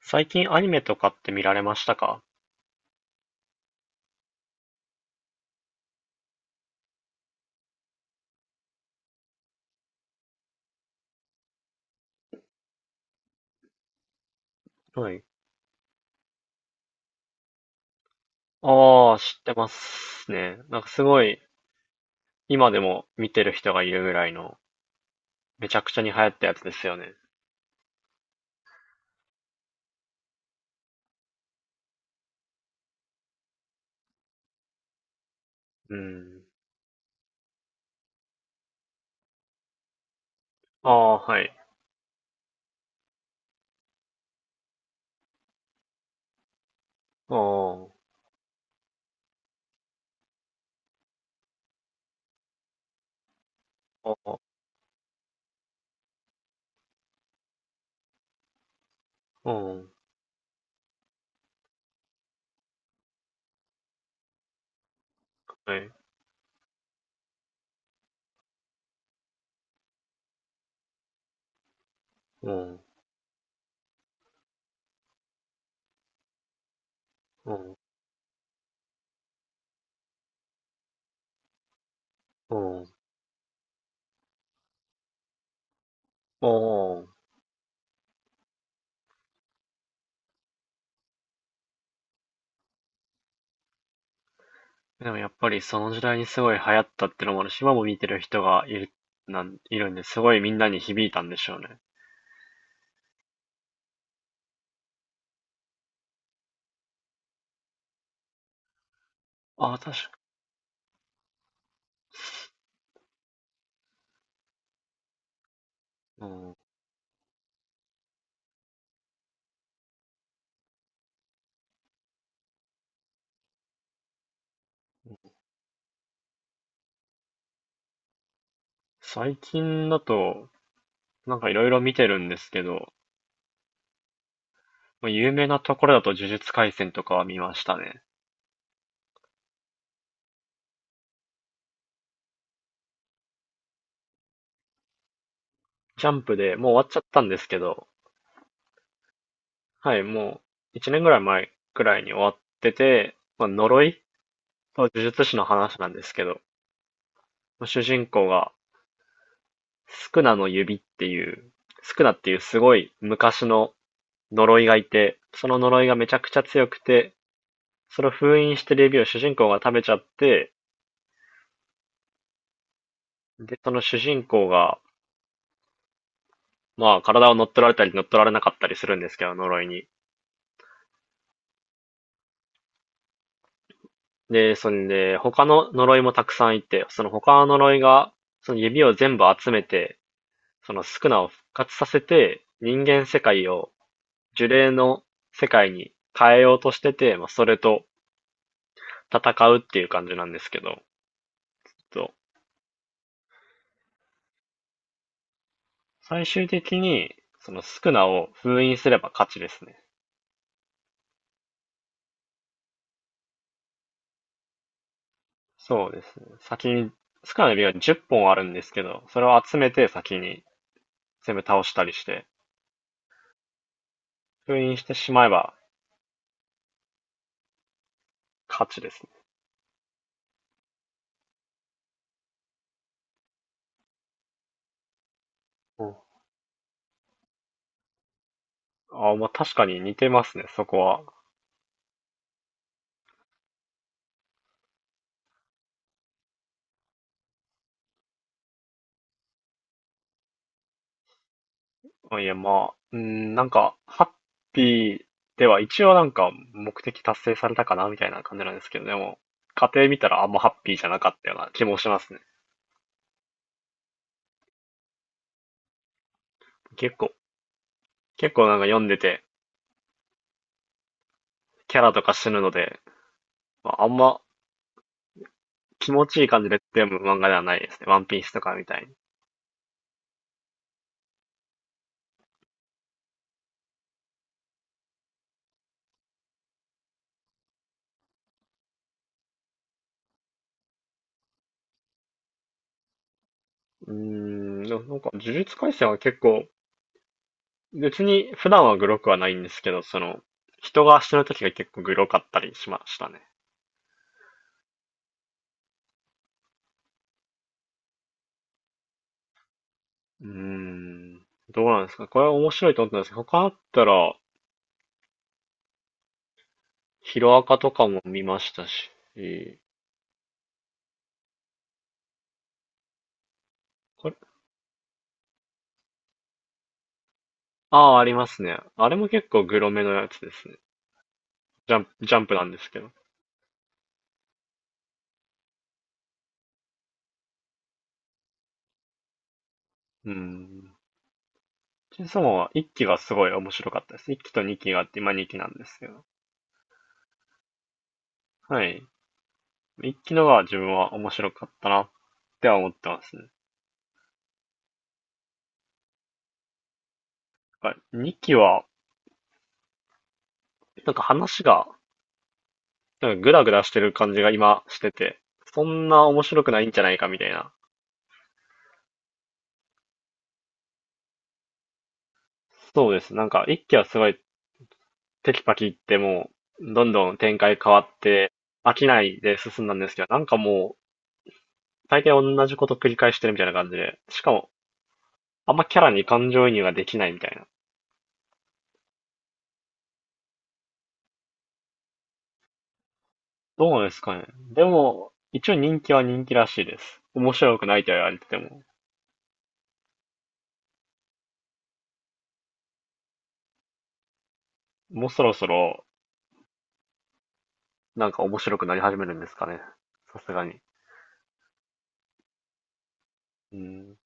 最近アニメとかって見られましたか？はい。ああ、知ってますね。なんかすごい、今でも見てる人がいるぐらいの、めちゃくちゃに流行ったやつですよね。うん。ああ、はい。ああ、ああ、うん、はい。うん、うん、うん、うん。でもやっぱりその時代にすごい流行ったってのもあるし、今も見てる人がいる、いるんで、すごいみんなに響いたんでしょうね。ああ、確か。うん、最近だと、なんかいろいろ見てるんですけど、まあ、有名なところだと呪術廻戦とかは見ましたね。ジャンプでもう終わっちゃったんですけど、はい、もう1年ぐらい前くらいに終わってて、まあ、呪いと呪術師の話なんですけど、まあ主人公がスクナの指っていう、スクナっていうすごい昔の呪いがいて、その呪いがめちゃくちゃ強くて、それを封印してる指を主人公が食べちゃって、で、その主人公が、まあ体を乗っ取られたり乗っ取られなかったりするんですけど、呪いに。で、そんで、他の呪いもたくさんいて、その他の呪いが、その指を全部集めて、そのスクナを復活させて、人間世界を呪霊の世界に変えようとしてて、まあ、それと戦うっていう感じなんですけど、そう最終的に、そのスクナを封印すれば勝ちですね。そうですね。先に、スクナの指が10本あるんですけど、それを集めて先に全部倒したりして、封印してしまえば勝ちですね。うん、ああ、まあ確かに似てますね、そこは。あいや、まあ、うん、なんか、ハッピーでは一応なんか目的達成されたかなみたいな感じなんですけど、でも、家庭見たらあんまハッピーじゃなかったような気もしますね。結構、結構なんか読んでて、キャラとか死ぬので、まあ、あんま気持ちいい感じで読む漫画ではないですね。ワンピースとかみたいに。うーん、でもなんか、呪術廻戦は結構、別に普段はグロくはないんですけど、その、人が死ぬ時が結構グロかったりしましたね。うーん。どうなんですか？これは面白いと思ったんですけど、他あったら、ヒロアカとかも見ましたし、これ、ああ、ありますね。あれも結構グロめのやつですね。ジャンプなんですけど。うん。チェンソーマンは1期がすごい面白かったです。1期と2期があって、今2期なんですけど。はい。1期のが自分は面白かったなっては思ってますね。な2期は、なんか話が、なんかグダグダしてる感じが今してて、そんな面白くないんじゃないかみたいな、そうです。なんか、一期はすごいテキパキ言ってもう、どんどん展開変わって、飽きないで進んだんですけど、なんかもう、大体同じこと繰り返してるみたいな感じで、しかも、あんまキャラに感情移入ができないみたいな。どうですかね。でも、一応人気は人気らしいです。面白くないとは言われてても、もうそろそろ、なんか面白くなり始めるんですかね。さすがに。うん。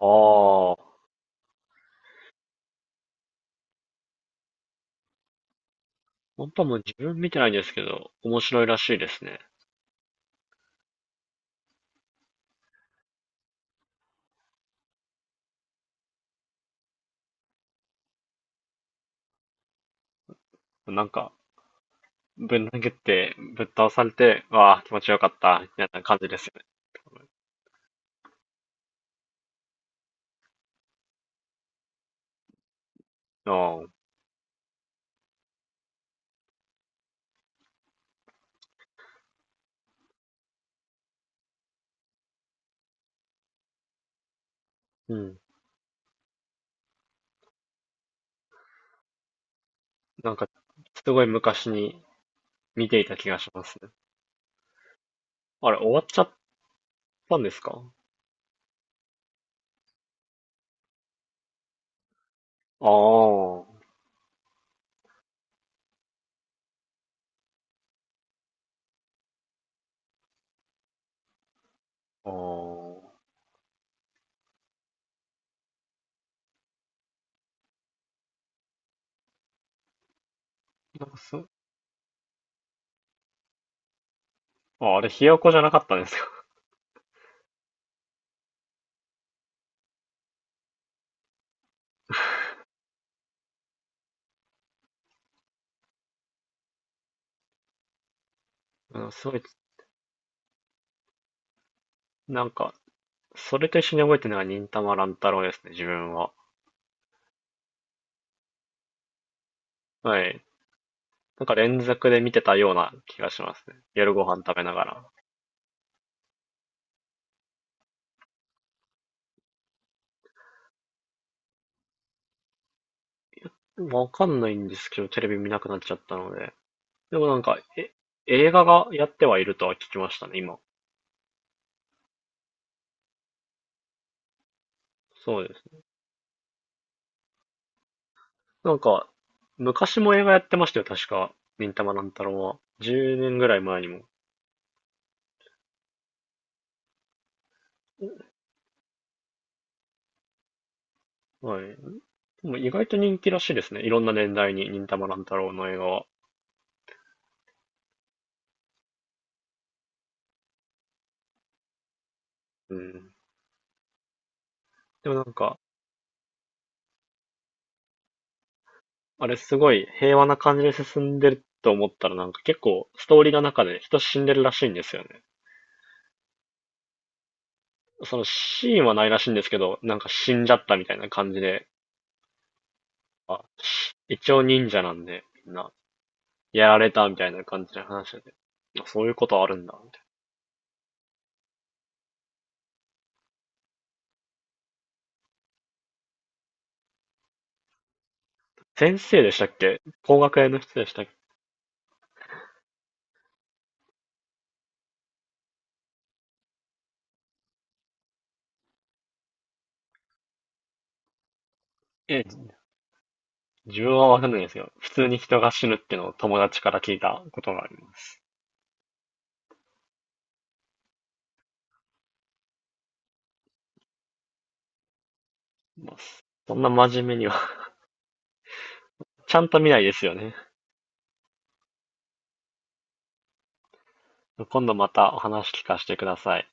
ああ、本当はもう自分見てないんですけど、面白いらしいですね。なんか、ぶん投げて、ぶっ倒されて、わあ、気持ちよかった、みたいな感じですよね。ああ、うん。なんか、すごい昔に見ていた気がしますね。あれ、終わっちゃったんですか？ああ、ああ。なんかす、あ、あれ、ひよこじゃなかったんですよ。うん、すごい、なんか、それと一緒に覚えてるのが忍たま乱太郎ですね、自分は。はい。なんか連続で見てたような気がしますね。夜ご飯食べながら。わかんないんですけど、テレビ見なくなっちゃったので。でもなんか、映画がやってはいるとは聞きましたね、今。そうですね。なんか、昔も映画やってましたよ、確か。忍たま乱太郎は。10年ぐらい前にも。はい。でも意外と人気らしいですね。いろんな年代に忍たま乱太郎の映画は。うん。でもなんか、あれすごい平和な感じで進んでると思ったらなんか結構ストーリーの中で人死んでるらしいんですよね。そのシーンはないらしいんですけど、なんか死んじゃったみたいな感じで、あ、一応忍者なんで、みんな。やられたみたいな感じで話してて。あそういうことあるんだ、みたいな。先生でしたっけ工学園の人でしたっけ？え、自分はわかんないんですけど、普通に人が死ぬってのを友達から聞いたことがあります。ますそんな真面目には、ちゃんと見ないですよね。今度またお話聞かせてください。